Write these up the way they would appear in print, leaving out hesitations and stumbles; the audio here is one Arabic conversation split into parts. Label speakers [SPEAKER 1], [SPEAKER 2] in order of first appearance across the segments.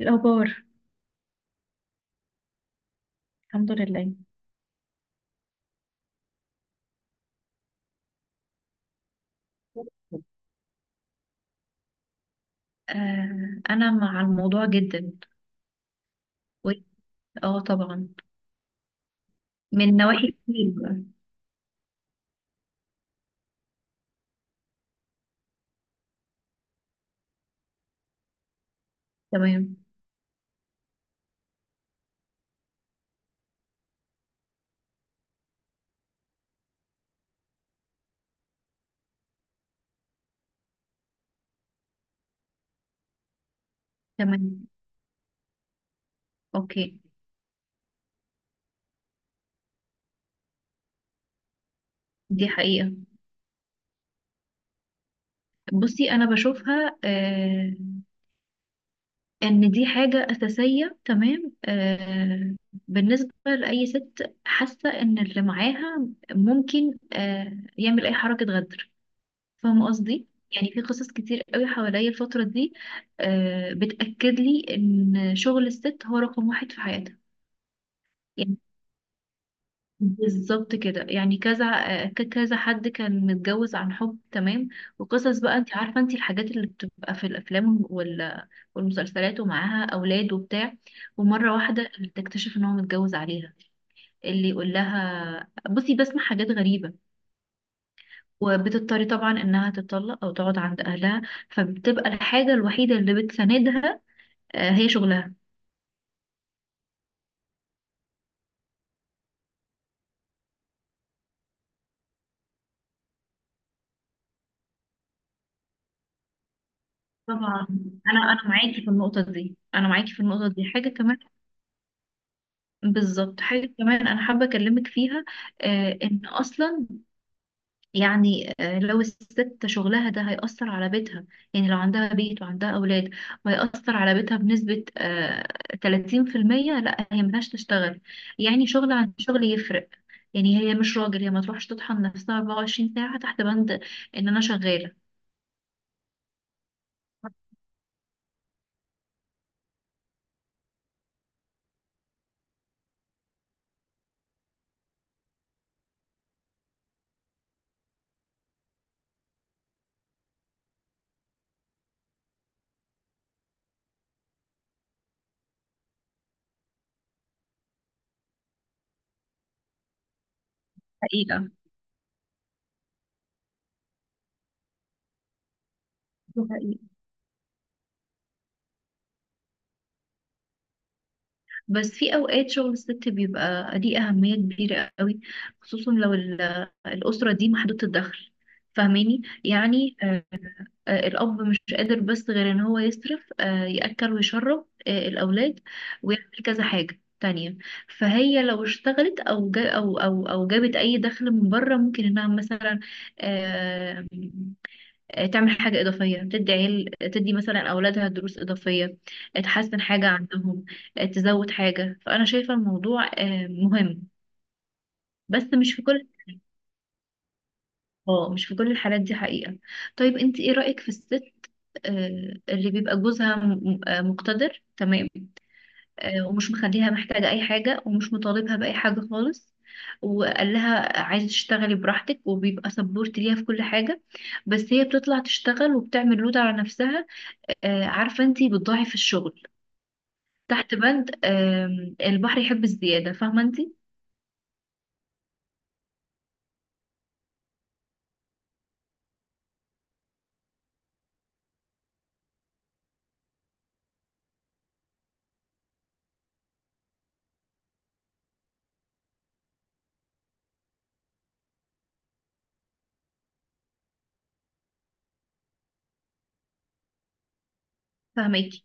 [SPEAKER 1] الأخبار. الحمد لله. أنا مع الموضوع جدا. و- اه طبعا، من نواحي كتير بقى. تمام، تمام. أوكي. دي حقيقة. بصي، أنا بشوفها إن دي حاجة أساسية، تمام. بالنسبة لأي ست حاسة إن اللي معاها ممكن يعمل أي حركة غدر. فاهمة قصدي، يعني في قصص كتير قوي حواليا الفترة دي، بتأكد لي ان شغل الست هو رقم واحد في حياتها. يعني بالظبط كده، يعني كذا حد كان متجوز عن حب، تمام، وقصص بقى انت عارفة، انت الحاجات اللي بتبقى في الافلام والمسلسلات، ومعاها اولاد وبتاع، ومرة واحدة اللي تكتشف ان هو متجوز عليها، اللي يقول لها بصي بسمع حاجات غريبة. وبتضطر طبعا انها تتطلق او تقعد عند اهلها، فبتبقى الحاجة الوحيدة اللي بتساندها هي شغلها. طبعا. انا معاكي في النقطة دي، حاجة كمان، بالظبط، حاجة كمان انا حابة اكلمك فيها. ان اصلا، لو الست شغلها ده هيأثر على بيتها، يعني لو عندها بيت وعندها أولاد وهيأثر على بيتها بنسبة 30%، لأ هي ملهاش تشتغل. يعني شغل عن شغل يفرق. يعني هي مش راجل، هي ما تروحش تطحن نفسها 24 ساعة تحت بند إن أنا شغالة. حقيقة. دي حقيقة. بس في أوقات شغل الست بيبقى ليه أهمية كبيرة قوي، خصوصا لو الأسرة دي محدودة الدخل، فاهماني يعني. الأب مش قادر بس غير إن هو يصرف، يأكل ويشرب الأولاد ويعمل كذا حاجة تانية. فهي لو اشتغلت أو جا أو جابت أي دخل من بره، ممكن إنها مثلا آه، تعمل حاجة إضافية، تدي مثلا أولادها دروس إضافية، تحسن حاجة عندهم، تزود حاجة. فأنا شايفة الموضوع مهم، بس مش في كل، اه مش في كل الحالات، دي حقيقة. طيب انت ايه رأيك في الست اللي بيبقى جوزها مقتدر، تمام، ومش مخليها محتاجة أي حاجة ومش مطالبها بأي حاجة خالص، وقال لها عايزة تشتغلي براحتك وبيبقى سبورت ليها في كل حاجة، بس هي بتطلع تشتغل وبتعمل لود على نفسها، عارفة انتي بتضاعف الشغل تحت بند، البحر يحب الزيادة، فاهمة انتي؟ فاهماكي.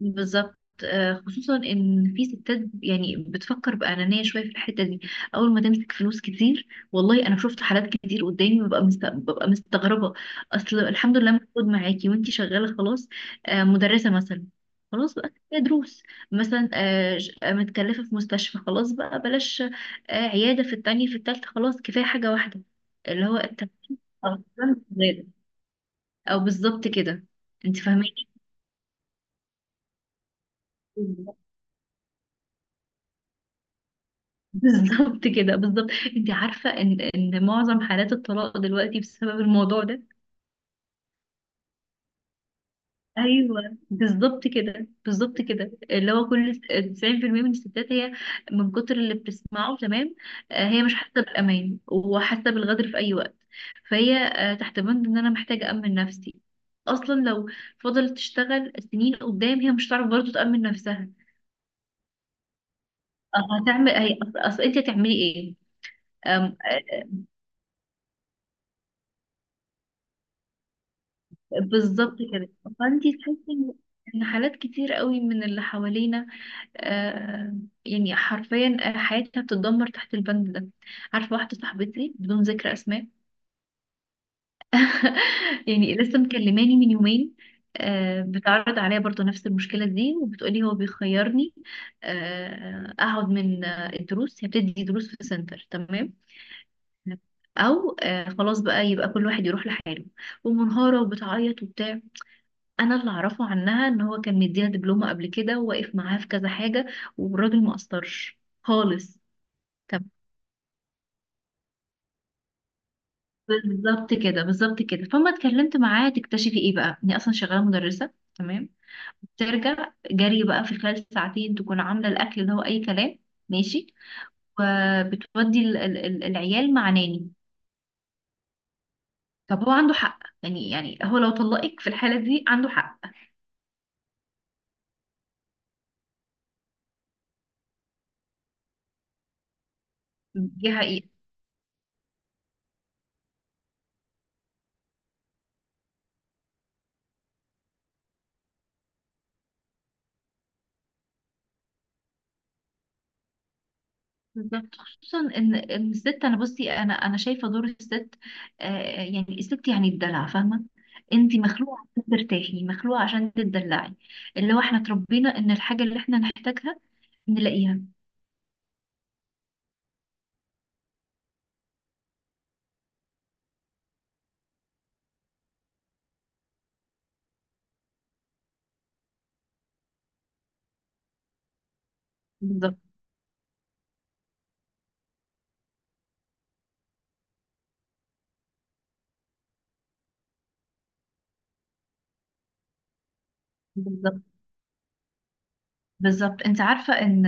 [SPEAKER 1] بالظبط خصوصا ان في ستات يعني بتفكر بانانيه شويه في الحته دي. اول ما تمسك فلوس كتير، والله انا شفت حالات كتير قدامي ببقى مستغربه. اصل الحمد لله موجود معاكي وانتي شغاله، خلاص. مدرسه مثلا، خلاص بقى كفاية دروس، مثلا متكلفه في مستشفى، خلاص بقى بلاش، عياده في التانية في التالتة، خلاص كفايه حاجه واحده اللي هو أو بالظبط كده، انت فاهماني. بالظبط كده، بالظبط، انت عارفه ان معظم حالات الطلاق دلوقتي بسبب الموضوع ده. ايوه بالظبط كده، بالظبط كده، اللي هو كل 90% من الستات هي من كتر اللي بتسمعه، تمام. هي مش حاسه بالامان وحاسه بالغدر في اي وقت، فهي تحت بند ان انا محتاجه امن نفسي. اصلا لو فضلت تشتغل سنين قدام هي مش هتعرف برضه تامن نفسها. هتعمل هي، اصل انت هتعملي ايه؟ بالظبط كده. فانتي تحسي ان، حالات كتير قوي من اللي حوالينا، آه حرفيا حياتها بتتدمر تحت البند ده. عارفه واحده صاحبتي بدون ذكر اسماء، يعني لسه مكلماني من يومين، آه، بتعرض عليا برضو نفس المشكله دي وبتقولي هو بيخيرني: آه اقعد من الدروس، هي بتدي دروس في سنتر، تمام، او آه خلاص بقى يبقى كل واحد يروح لحاله. ومنهارة وبتعيط وبتاع. انا اللي اعرفه عنها ان هو كان مديها دبلومه قبل كده وواقف معاها في كذا حاجه، والراجل ما قصرش خالص. طب بالظبط كده، بالظبط كده. فما اتكلمت معاه تكتشفي ايه بقى؟ اني اصلا شغاله مدرسه، تمام، ترجع جري بقى في خلال ساعتين تكون عامله الاكل اللي هو اي كلام، ماشي، وبتودي العيال مع ناني. طب هو عنده حق يعني، يعني هو لو طلقك في الحاله دي عنده حق. دي حقيقه. بالظبط، خصوصا ان الست، انا بصي انا شايفه دور الست يعني الست، يعني الدلع، فاهمه. انت مخلوقه عشان ترتاحي، مخلوقه عشان تتدلعي، اللي هو احنا اتربينا ان الحاجه اللي احنا نحتاجها نلاقيها. بالظبط، بالظبط. بالظبط، انت عارفه ان،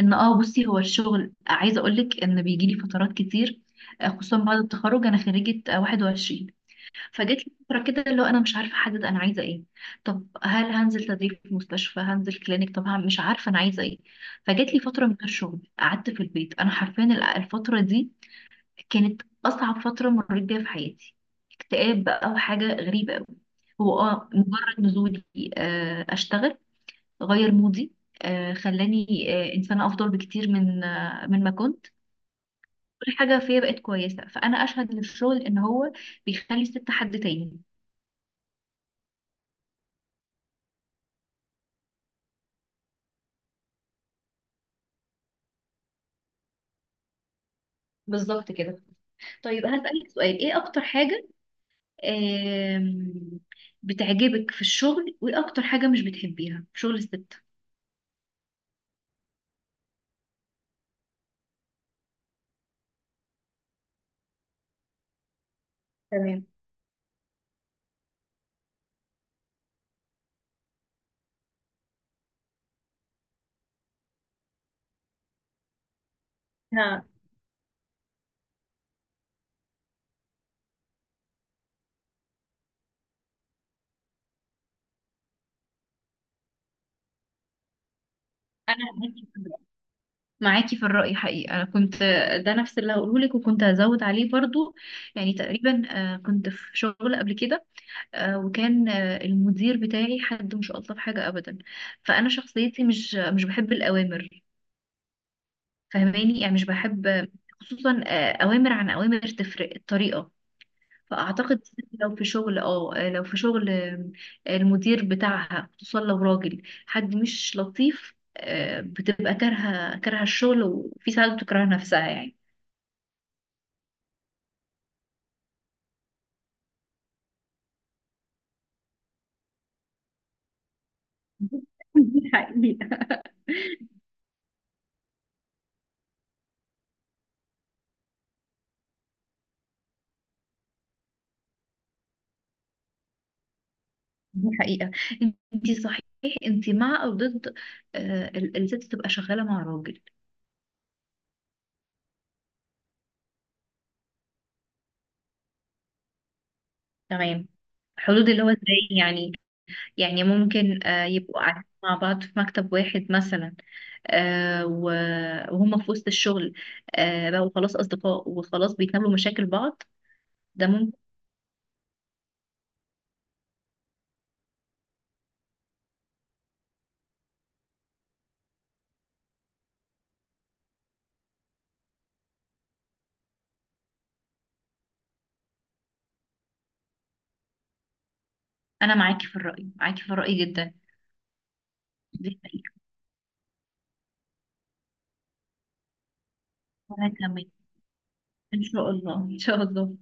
[SPEAKER 1] بصي، هو الشغل عايزه اقول لك ان بيجي لي فترات كتير، خصوصا بعد التخرج، انا خريجه 21. فجيت لي فترة كده اللي هو انا مش عارفة احدد انا عايزة ايه. طب هل هنزل تدريب في مستشفى؟ هنزل كلينيك؟ طب مش عارفة انا عايزة ايه. فجيت لي فترة من غير شغل قعدت في البيت. انا حرفيا الفترة دي كانت اصعب فترة مريت بيها في حياتي. اكتئاب بقى وحاجة غريبة قوي. هو اه مجرد نزولي اشتغل، غير مودي، خلاني انسانة افضل بكتير من، من ما كنت. كل حاجة فيا بقت كويسة، فانا اشهد للشغل ان هو بيخلي الست حد تاني. بالظبط كده. طيب هسألك سؤال: ايه اكتر حاجة آم، بتعجبك في الشغل وايه اكتر حاجة مش بتحبيها في شغل الست؟ تمام. انا انا معاكي في الرأي، معاكي في الرأي حقيقي. انا كنت ده نفس اللي هقوله لك، وكنت هزود عليه برضو. يعني تقريبا كنت في شغل قبل كده، وكان المدير بتاعي حد مش الطف حاجة ابدا. فانا شخصيتي مش بحب الاوامر، فهماني يعني، مش بحب، خصوصا اوامر عن اوامر تفرق الطريقة. فأعتقد لو في شغل، اه لو في شغل آم، المدير بتاعها خصوصا لو راجل حد مش لطيف، بتبقى كارهة الشغل، وفي ساعات بتكره نفسها، يعني. دي حقيقة. دي حقيقة. انتي صحيح، انتي مع او ضد الست تبقى شغالة مع راجل؟ تمام. حدود اللي هو ازاي يعني؟ يعني ممكن يبقوا قاعدين مع بعض في مكتب واحد مثلا، آه، و- وهم في وسط الشغل بقوا خلاص أصدقاء وخلاص بيتناولوا مشاكل بعض. ده ممكن. أنا معاكي في الرأي، معاكي في الرأي جدا، دي حقيقة. وهكمل إن شاء الله، إن شاء الله.